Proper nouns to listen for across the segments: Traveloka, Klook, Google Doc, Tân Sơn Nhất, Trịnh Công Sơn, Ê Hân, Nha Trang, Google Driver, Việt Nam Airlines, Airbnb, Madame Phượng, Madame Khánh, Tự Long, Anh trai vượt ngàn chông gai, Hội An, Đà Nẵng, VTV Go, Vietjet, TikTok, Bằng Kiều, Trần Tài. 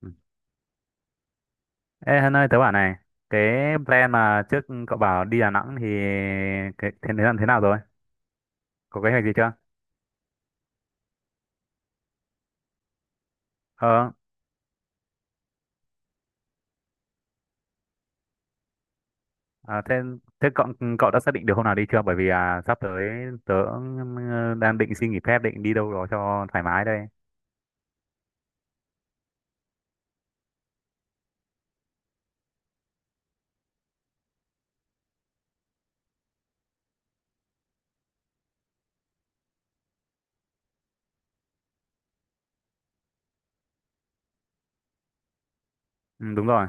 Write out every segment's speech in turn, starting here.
Ừ. Ê Hân ơi, tớ bảo này, cái plan mà trước cậu bảo đi Đà Nẵng thì cái thế thế làm thế nào rồi? Có kế hoạch gì chưa? Ờ, à, thế thế cậu cậu đã xác định được hôm nào đi chưa? Bởi vì à, sắp tới tớ đang định xin nghỉ phép, định đi đâu đó cho thoải mái đây. Ừ, đúng rồi.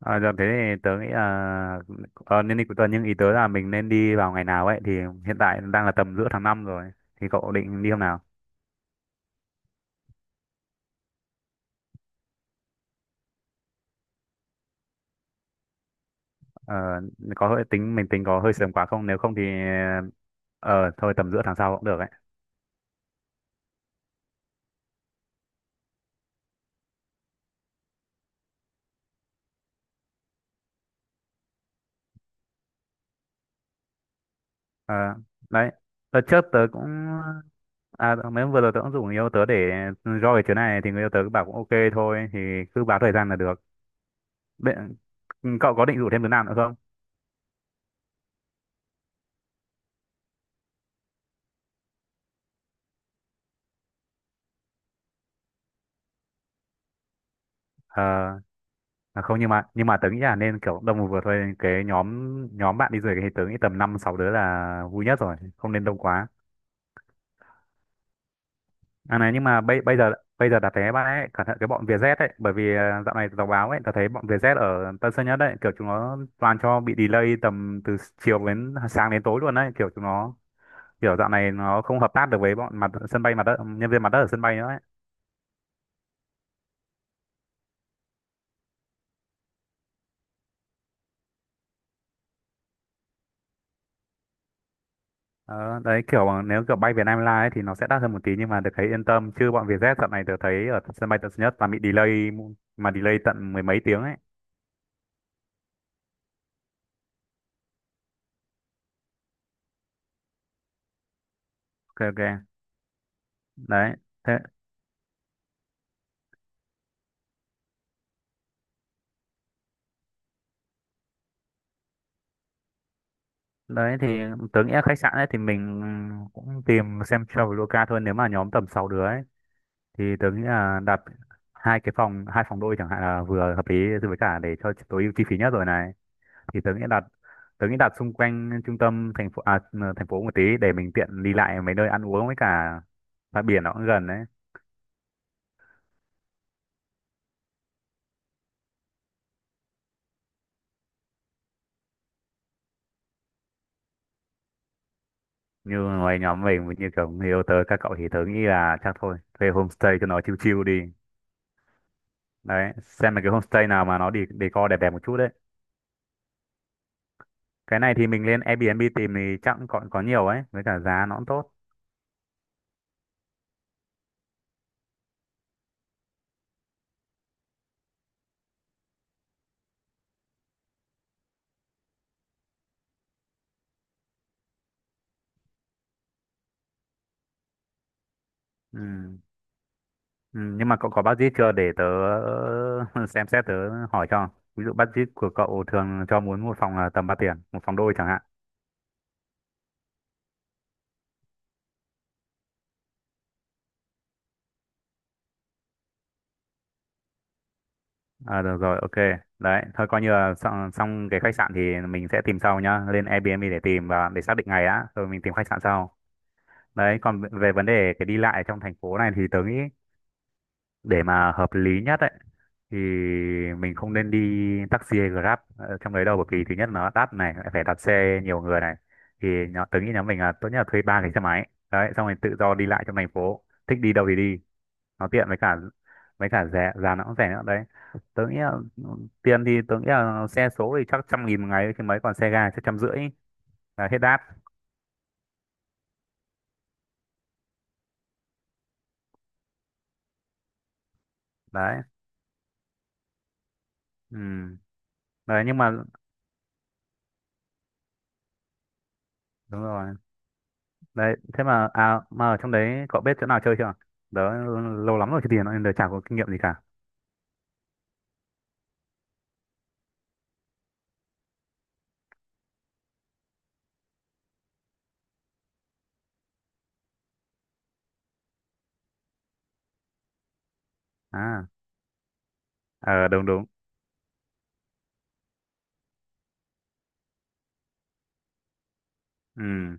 À, giờ thế thì tớ nghĩ là nên đi cuối tuần nhưng ý tớ là mình nên đi vào ngày nào ấy thì hiện tại đang là tầm giữa tháng 5 rồi thì cậu định đi hôm nào? Ờ, có hơi tính có hơi sớm quá không, nếu không thì ờ thôi tầm giữa tháng sau cũng được ấy. Ờ, đấy đợt trước tớ cũng, à mấy hôm vừa rồi tớ cũng rủ người yêu tớ để roi chuyến này thì người yêu tớ cứ bảo cũng ok thôi thì cứ báo thời gian là được. Bên- Cậu có định rủ thêm đứa nào nữa không? Ờ, à, không, nhưng mà tớ nghĩ là nên kiểu đông vừa thôi, cái nhóm nhóm bạn đi du lịch thì tớ nghĩ tầm năm sáu đứa là vui nhất rồi, không nên đông quá. À này nhưng mà bây bây giờ đặt vé bạn ấy cẩn thận cái bọn Vietjet ấy, bởi vì dạo này đọc báo ấy tớ thấy bọn Vietjet ở Tân Sơn Nhất ấy kiểu chúng nó toàn cho bị delay tầm từ chiều đến sáng đến tối luôn đấy, kiểu chúng nó kiểu dạo này nó không hợp tác được với bọn mặt sân bay mặt đất, nhân viên mặt đất ở sân bay nữa ấy. Ờ, đấy kiểu mà nếu kiểu bay Việt Nam Airlines ấy, thì nó sẽ đắt hơn một tí nhưng mà được thấy yên tâm, chứ bọn Vietjet dạo này tớ thấy ở sân bay Tân Sơn Nhất là bị delay, mà delay tận mười mấy tiếng ấy. Ok, ok, đấy. Thế đấy thì tớ nghĩ là khách sạn ấy thì mình cũng tìm xem Traveloka thôi, nếu mà nhóm tầm 6 đứa ấy thì tớ nghĩ là đặt hai phòng đôi chẳng hạn là vừa hợp lý, với cả để cho tối ưu chi phí nhất rồi này, thì tớ nghĩ đặt xung quanh trung tâm thành phố, thành phố một tí để mình tiện đi lại mấy nơi ăn uống với cả bãi biển nó cũng gần đấy. Như mấy nhóm mình như kiểu người yêu tớ, các cậu thì tớ nghĩ là chắc thôi thuê homestay cho nó chill chill đi. Đấy, xem mấy cái homestay nào mà nó đi decor đẹp đẹp một chút đấy, cái này thì mình lên Airbnb tìm thì chắc cũng còn có nhiều ấy, với cả giá nó cũng tốt. Ừ. Ừ, nhưng mà cậu có budget chưa để tớ xem xét, tớ hỏi cho, ví dụ budget của cậu thường cho muốn một phòng là tầm bao tiền, một phòng đôi chẳng hạn. À, được rồi, ok. Đấy thôi coi như là xong, xong cái khách sạn thì mình sẽ tìm sau nhá, lên Airbnb để tìm và để xác định ngày đã rồi mình tìm khách sạn sau. Đấy còn về vấn đề cái đi lại trong thành phố này thì tớ nghĩ, để mà hợp lý nhất ấy, thì mình không nên đi taxi hay Grab trong đấy đâu, bởi vì thứ nhất nó đắt này, lại phải đặt xe nhiều người này, thì nhỏ tớ nghĩ nhóm mình là tốt nhất là thuê ba cái xe máy đấy, xong rồi tự do đi lại trong thành phố thích đi đâu thì đi, nó tiện với cả rẻ, giá nó cũng rẻ nữa đấy. Tớ nghĩ là ừ, tiền thì tớ nghĩ là xe số thì chắc 100.000 một ngày chứ mấy, còn xe ga chắc trăm rưỡi là hết đắt đấy. Ừ, đấy nhưng mà đúng rồi đấy, thế mà à mà ở trong đấy cậu biết chỗ nào chơi chưa? Đó, lâu lắm rồi chứ tiền nên đời chả có kinh nghiệm gì cả. À, ờ đúng đúng. Ừ.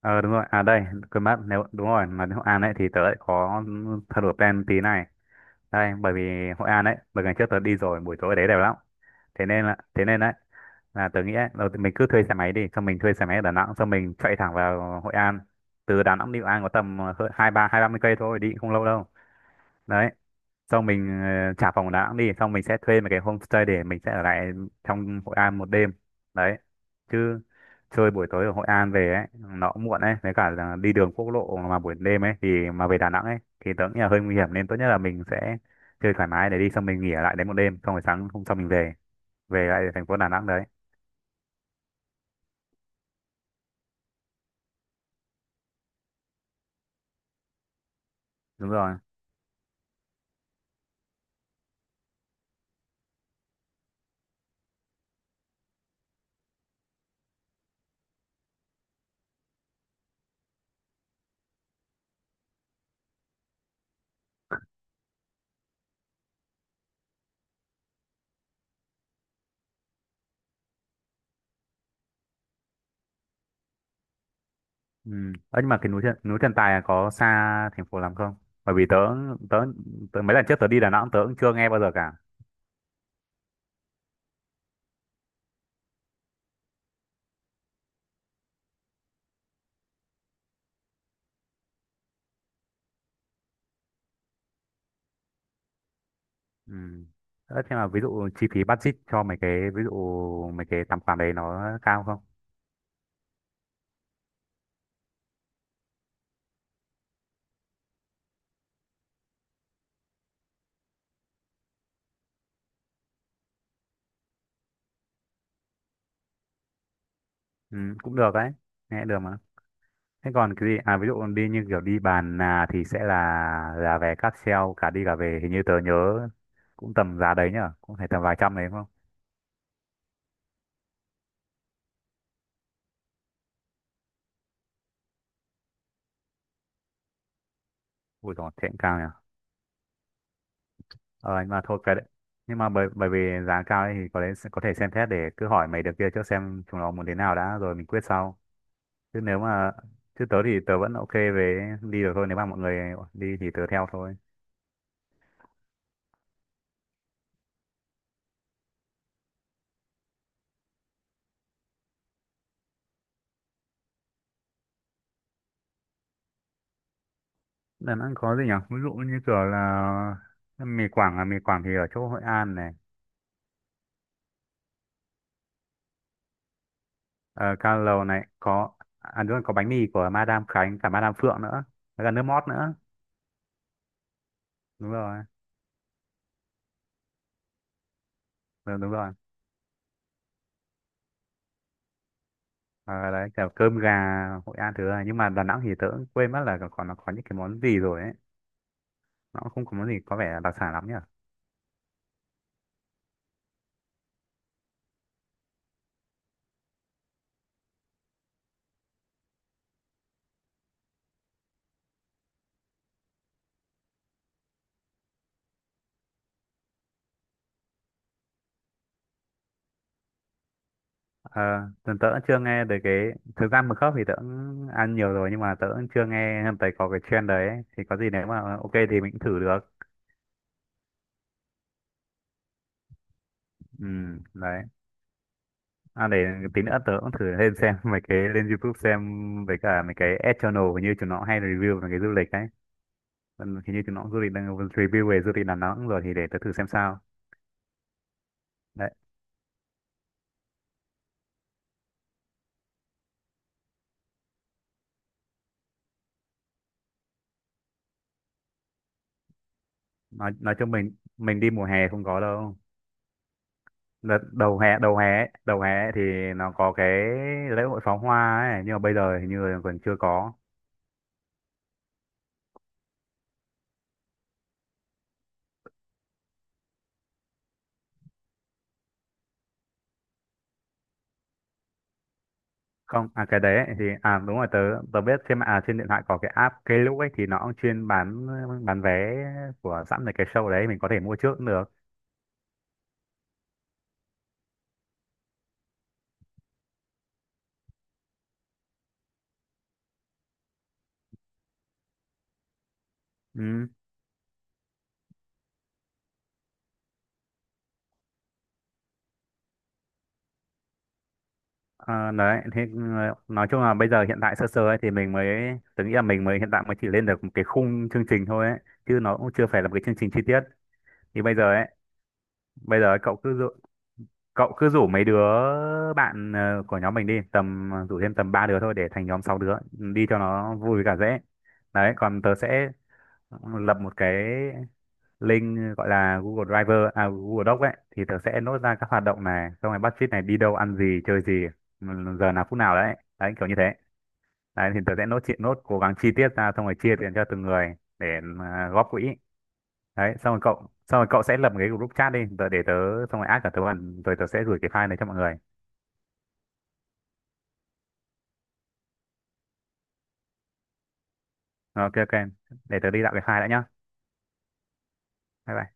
Ờ đúng rồi. À đây, quên mất, nếu đúng rồi mà đến Hội An ấy thì tớ lại có thay đổi plan tí này đây, bởi vì Hội An ấy bởi ngày trước tớ đi rồi buổi tối ở đấy đẹp lắm, thế nên là thế nên đấy, là tớ nghĩ ấy, đầu tiên mình cứ thuê xe máy đi, xong mình thuê xe máy ở Đà Nẵng xong mình chạy thẳng vào Hội An, từ Đà Nẵng đi Hội An có tầm hai ba, hai ba mươi cây thôi, đi cũng không lâu đâu. Đấy, xong mình trả phòng Đà Nẵng đi xong mình sẽ thuê một cái homestay để mình sẽ ở lại trong Hội An một đêm. Đấy, chứ chơi buổi tối ở Hội An về ấy nó cũng muộn ấy, với cả là đi đường quốc lộ mà buổi đêm ấy thì, mà về Đà Nẵng ấy thì tớ nghĩ là hơi nguy hiểm, nên tốt nhất là mình sẽ chơi thoải mái để đi xong mình nghỉ ở lại đấy một đêm, xong rồi sáng hôm sau mình về về lại thành phố Đà Nẵng đấy. Đúng rồi. Ừ. Ơ, nhưng mà cái núi Trần, Tài là có xa thành phố lắm không? Bởi vì tớ tớ, tớ mấy lần trước tớ đi Đà Nẵng tớ cũng chưa nghe bao giờ cả. Ừ. Ờ, thế mà ví dụ chi phí budget cho mấy cái, ví dụ mấy cái tầm khoản đấy nó cao không? Ừ, cũng được đấy, nghe được mà. Thế còn cái gì? À, ví dụ đi như kiểu đi bàn là thì sẽ là vé cáp treo cả đi cả về, hình như tớ nhớ cũng tầm giá đấy nhở, cũng phải tầm vài trăm đấy đúng không? Ui dồi, thế cũng cao nhở. Ờ nhưng mà thôi cái đấy. Nhưng mà bởi bởi vì giá cao ấy thì có lẽ có thể xem xét, để cứ hỏi mấy đứa kia trước xem chúng nó muốn thế nào đã rồi mình quyết sau. Chứ nếu mà Chứ tớ thì tớ vẫn ok về đi được thôi, nếu mà mọi người đi thì tớ theo thôi. Đà Nẵng có gì nhỉ, ví dụ như kiểu là mì Quảng, à mì Quảng thì ở chỗ Hội An này. Ờ, Cao Lầu này có, à đúng rồi có bánh mì của Madame Khánh cả Madame Phượng nữa, với cả nước mót nữa. Đúng rồi. Đúng, đúng rồi. Ờ, đấy kiểu cơm gà Hội An thứ này, nhưng mà Đà Nẵng thì tớ cũng quên mất là còn nó có những cái món gì rồi ấy, nó cũng không có món gì có vẻ đặc sản lắm nhỉ. Ờ, tớ tớ cũng chưa nghe về cái, thực ra mực khóc thì tớ cũng ăn nhiều rồi nhưng mà tớ cũng chưa nghe thấy có cái trend đấy ấy, thì có gì nếu mà ok thì mình cũng thử được. Ừ, đấy. À, để tí nữa tớ cũng thử lên xem mấy cái, lên YouTube xem, với cả mấy cái ad channel hình như chúng nó hay review về cái du lịch đấy. Ừ, hình như chúng nó du lịch đang review về du lịch Đà Nẵng rồi thì để tớ thử xem sao. Đấy, nói cho mình đi mùa hè không có đâu. Đợt đầu hè ấy thì nó có cái lễ hội pháo hoa ấy, nhưng mà bây giờ hình như là còn chưa có. Không, à cái đấy ấy thì à đúng rồi, tớ tớ biết trên mạng, à trên điện thoại có cái app Klook ấy thì nó cũng chuyên bán, vé của sẵn về cái show đấy mình có thể mua trước cũng được. Ừ. Ờ, đấy thì nói chung là bây giờ hiện tại sơ sơ ấy thì mình mới, tớ nghĩ là mình mới hiện tại mới chỉ lên được một cái khung chương trình thôi ấy, chứ nó cũng chưa phải là một cái chương trình chi tiết, thì bây giờ ấy, cậu cứ rủ mấy đứa bạn của nhóm mình đi tầm, rủ thêm tầm ba đứa thôi để thành nhóm sáu đứa đi cho nó vui với cả dễ. Đấy còn tớ sẽ lập một cái link gọi là Google Driver, à Google Doc ấy, thì tớ sẽ nốt ra các hoạt động này, xong rồi budget này, đi đâu ăn gì chơi gì, giờ nào phút nào đấy, đấy kiểu như thế. Đấy thì tớ sẽ nốt chuyện nốt cố gắng chi tiết ra xong rồi chia tiền cho từng người để mà góp quỹ. Đấy xong rồi cậu sẽ lập một cái group chat đi tớ, để tớ xong rồi add cả tớ vào, rồi tớ sẽ gửi cái file này cho mọi người. Ok, ok, để tớ đi tạo cái file đã nhá. Bye bye.